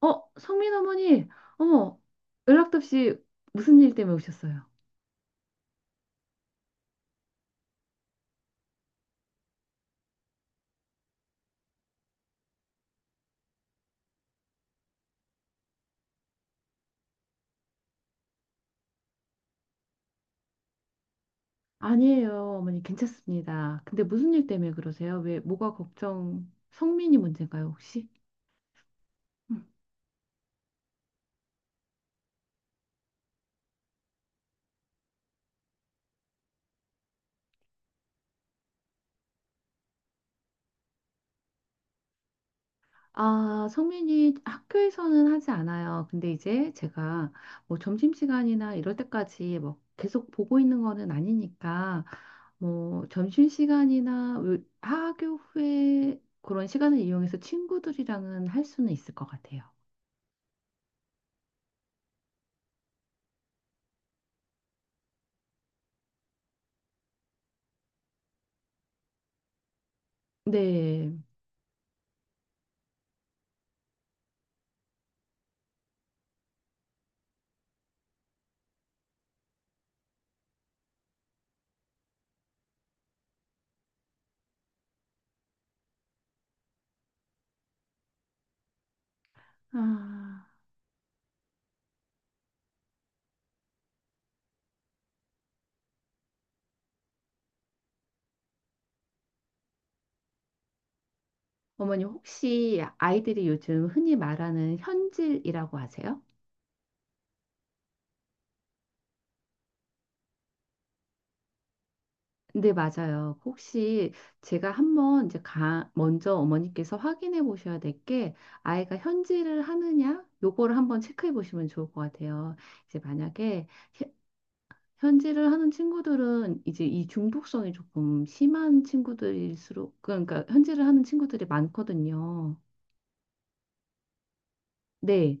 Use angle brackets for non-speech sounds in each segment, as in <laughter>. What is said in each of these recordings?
어, 성민 어머니, 어머, 연락도 없이 무슨 일 때문에 오셨어요? 아니에요, 어머니, 괜찮습니다. 근데 무슨 일 때문에 그러세요? 왜, 뭐가 걱정, 성민이 문제인가요, 혹시? 음. 아, 성민이 학교에서는 하지 않아요. 근데 이제 제가 뭐 점심시간이나 이럴 때까지 뭐 계속 보고 있는 거는 아니니까, 뭐 점심시간이나 학 하교 후에 그런 시간을 이용해서 친구들이랑은 할 수는 있을 것 같아요. 네. 아, 어머니 혹시 아이들이 요즘 흔히 말하는 현질이라고 하세요? 네, 맞아요. 혹시 제가 한번 이제 먼저 어머니께서 확인해 보셔야 될 게 아이가 현질을 하느냐? 요거를 한번 체크해 보시면 좋을 것 같아요. 이제 만약에 현- 현질을 하는 친구들은 이제 이 중독성이 조금 심한 친구들일수록 그러니까 현질을 하는 친구들이 많거든요. 네.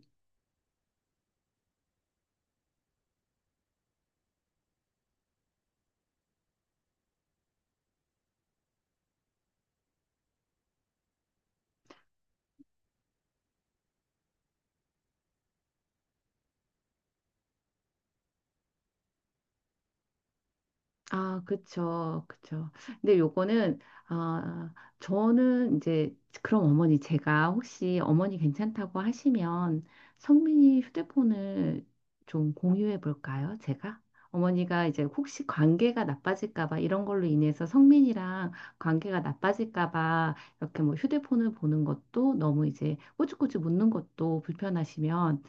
아, 그쵸, 그쵸. 근데 요거는, 아, 저는 이제, 그럼 어머니, 제가 혹시 어머니 괜찮다고 하시면 성민이 휴대폰을 좀 공유해 볼까요? 제가? 어머니가 이제 혹시 관계가 나빠질까 봐 이런 걸로 인해서 성민이랑 관계가 나빠질까 봐 이렇게 뭐 휴대폰을 보는 것도 너무 이제 꼬치꼬치 묻는 것도 불편하시면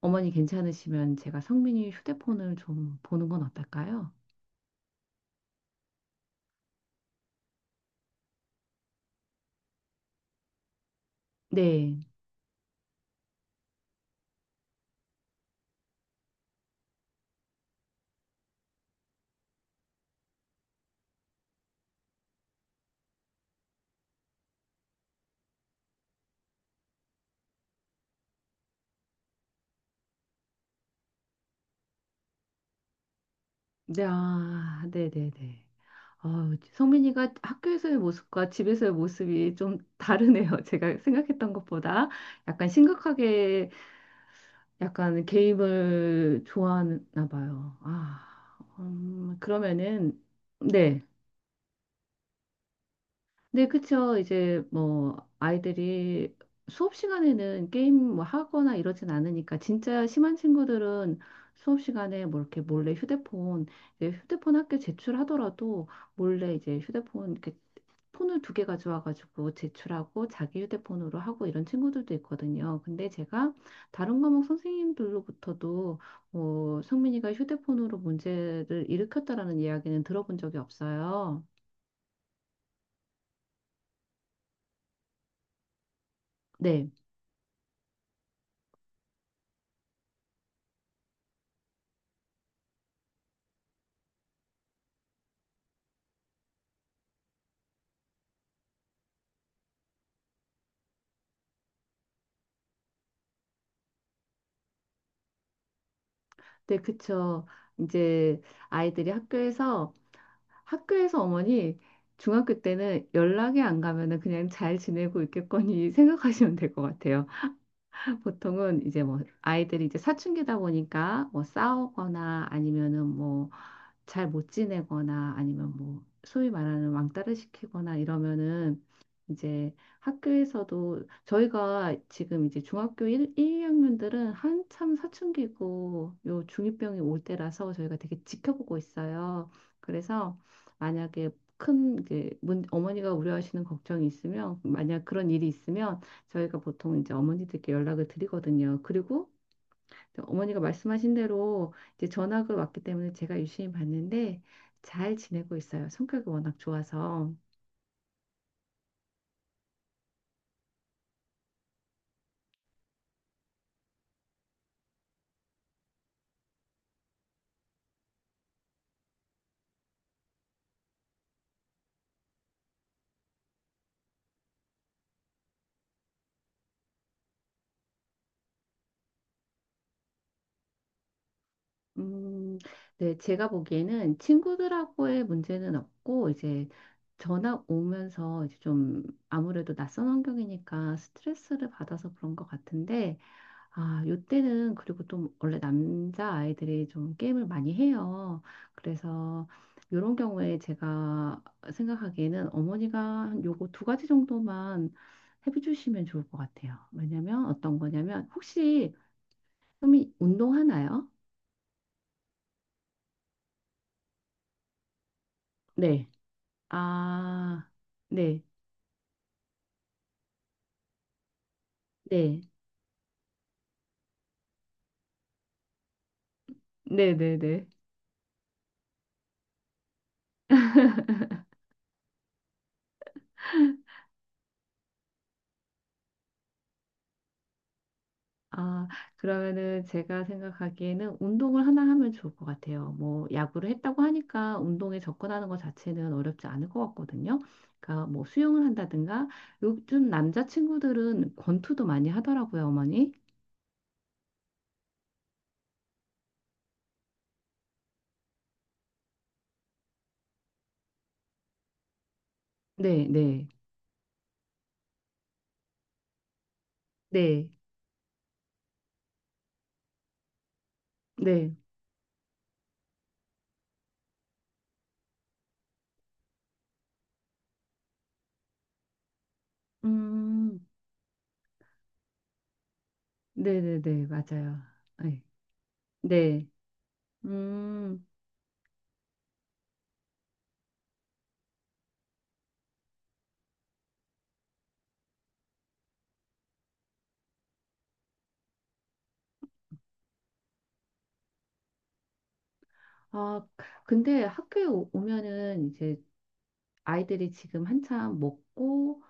어머니 괜찮으시면 제가 성민이 휴대폰을 좀 보는 건 어떨까요? 네. 네, 아, 네네네. 아, 성민이가 학교에서의 모습과 집에서의 모습이 좀 다르네요. <laughs> 제가 생각했던 것보다 약간 심각하게 약간 게임을 좋아하나 봐요. 아, 그러면은, 네. 네, 그쵸. 이제 뭐 아이들이 수업 시간에는 게임 뭐 하거나 이러진 않으니까 진짜 심한 친구들은 수업 시간에 뭐 이렇게 몰래 휴대폰, 이제 휴대폰 학교 제출하더라도 몰래 이제 휴대폰 이렇게 폰을 두 개 가져와가지고 제출하고 자기 휴대폰으로 하고 이런 친구들도 있거든요. 근데 제가 다른 과목 선생님들로부터도 뭐 성민이가 휴대폰으로 문제를 일으켰다라는 이야기는 들어본 적이 없어요. 네. 네, 그쵸. 이제 아이들이 학교에서, 학교에서 어머니 중학교 때는 연락이 안 가면은 그냥 잘 지내고 있겠거니 <laughs> 생각하시면 될 것 같아요. 보통은 이제 뭐 아이들이 이제 사춘기다 보니까 뭐 싸우거나 아니면은 뭐 잘 못 지내거나 아니면 뭐 소위 말하는 왕따를 시키거나 이러면은 이제 학교에서도 저희가 지금 이제 중학교 1, 2학년들은 한참 사춘기고 요 중2병이 올 때라서 저희가 되게 지켜보고 있어요. 그래서 만약에 큰 이제 어머니가 우려하시는 걱정이 있으면 만약 그런 일이 있으면 저희가 보통 이제 어머니들께 연락을 드리거든요. 그리고 어머니가 말씀하신 대로 이제 전학을 왔기 때문에 제가 유심히 봤는데 잘 지내고 있어요. 성격이 워낙 좋아서. 음, 네, 제가 보기에는 친구들하고의 문제는 없고, 이제 전화 오면서 이제 좀 아무래도 낯선 환경이니까 스트레스를 받아서 그런 것 같은데, 아, 요때는 그리고 또 원래 남자 아이들이 좀 게임을 많이 해요. 그래서 요런 경우에 제가 생각하기에는 어머니가 한 요거 두 가지 정도만 해주시면 좋을 것 같아요. 왜냐면 어떤 거냐면, 혹시 좀 운동하나요? 네. 아, 네, 네, 네, 네, 네. 아, 그러면은 제가 생각하기에는 운동을 하나 하면 좋을 것 같아요. 뭐, 야구를 했다고 하니까 운동에 접근하는 것 자체는 어렵지 않을 것 같거든요. 그러니까 뭐 수영을 한다든가, 요즘 남자친구들은 권투도 많이 하더라고요, 어머니. 네, 네, 네, 네. 음, 네, 네, 네, 맞아요. 네, 네. 음, 아, 근데 학교에 오면은 이제 아이들이 지금 한참 먹고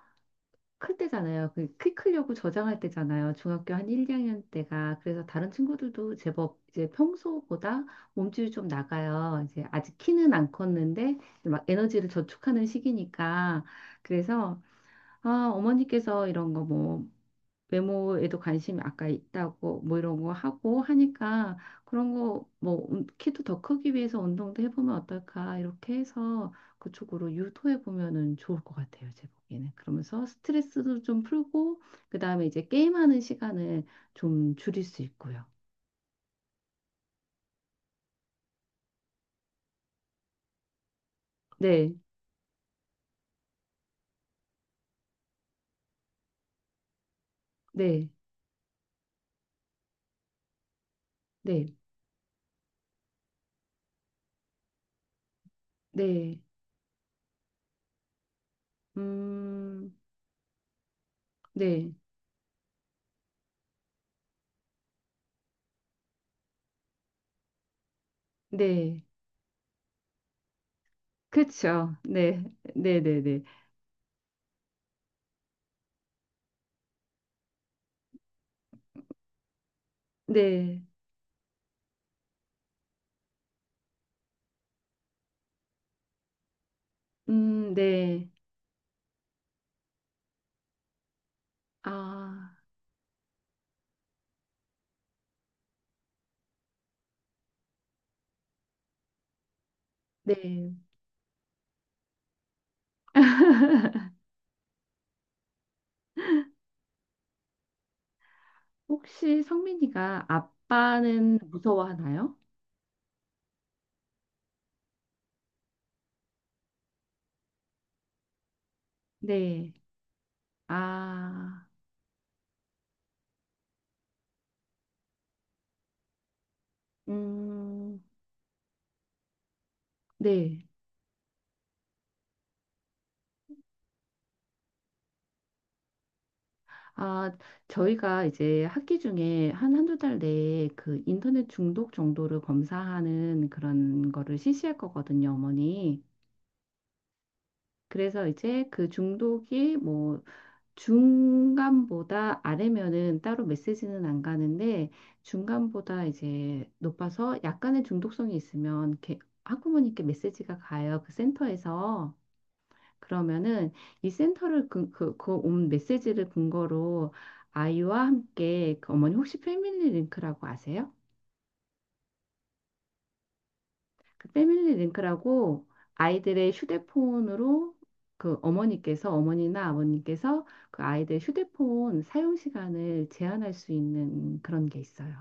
클 때잖아요. 그 키 크려고 저장할 때잖아요. 중학교 한 1, 2학년 때가. 그래서 다른 친구들도 제법 이제 평소보다 몸집이 좀 나가요. 이제 아직 키는 안 컸는데 이제 막 에너지를 저축하는 시기니까. 그래서 아, 어머니께서 이런 거뭐 외모에도 관심이 아까 있다고 뭐 이런 거 하고 하니까 그런 거 뭐 키도 더 크기 위해서 운동도 해보면 어떨까 이렇게 해서 그쪽으로 유도해 보면은 좋을 것 같아요 제 보기에는 그러면서 스트레스도 좀 풀고 그 다음에 이제 게임하는 시간을 좀 줄일 수 있고요 네 네 네 네 음 네 네 그렇죠 네네네네네네아네 혹시 성민이가 아빠는 무서워하나요? 네. 아, 음, 네. 아, 저희가 이제 학기 중에 한 한두 달 내에 그 인터넷 중독 정도를 검사하는 그런 거를 실시할 거거든요, 어머니. 그래서 이제 그 중독이 뭐 중간보다 아래면은 따로 메시지는 안 가는데 중간보다 이제 높아서 약간의 중독성이 있으면 이렇게 학부모님께 메시지가 가요. 그 센터에서. 그러면은 이 센터를 그 온 메시지를 근거로 아이와 함께 그 어머니 혹시 패밀리 링크라고 아세요? 그 패밀리 링크라고 아이들의 휴대폰으로 그 어머니께서 어머니나 아버님께서 그 아이들 휴대폰 사용 시간을 제한할 수 있는 그런 게 있어요.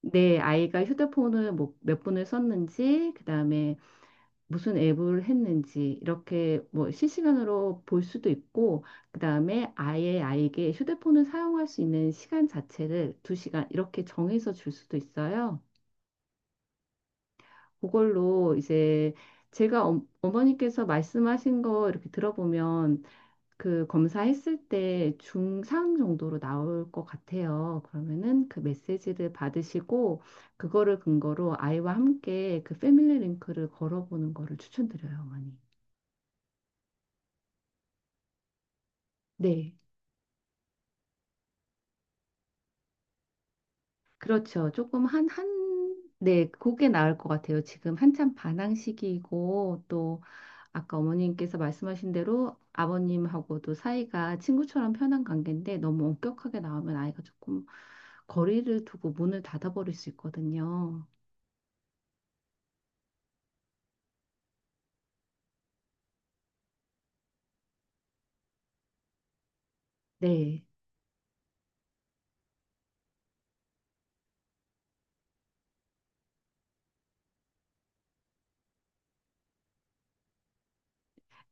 내 아이가 휴대폰을 뭐 몇 분을 썼는지, 그다음에 무슨 앱을 했는지 이렇게 뭐 실시간으로 볼 수도 있고, 그다음에 아예 아이에게 휴대폰을 사용할 수 있는 시간 자체를 두 시간 이렇게 정해서 줄 수도 있어요. 그걸로 이제 제가 어, 어머니께서 말씀하신 거 이렇게 들어보면 그 검사했을 때 중상 정도로 나올 것 같아요. 그러면은 그 메시지를 받으시고 그거를 근거로 아이와 함께 그 패밀리 링크를 걸어보는 거를 추천드려요, 어머니. 네, 그렇죠. 조금 네, 그게 나을 것 같아요. 지금 한참 반항 시기이고 또 아까 어머님께서 말씀하신 대로 아버님하고도 사이가 친구처럼 편한 관계인데 너무 엄격하게 나오면 아이가 조금 거리를 두고 문을 닫아버릴 수 있거든요. 네.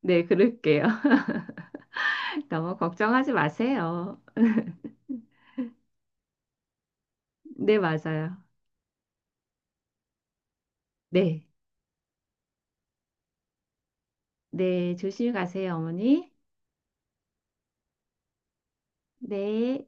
네, 그럴게요. <laughs> 너무 걱정하지 마세요. 네, 맞아요. 네. 네, 조심히 가세요, 어머니. 네.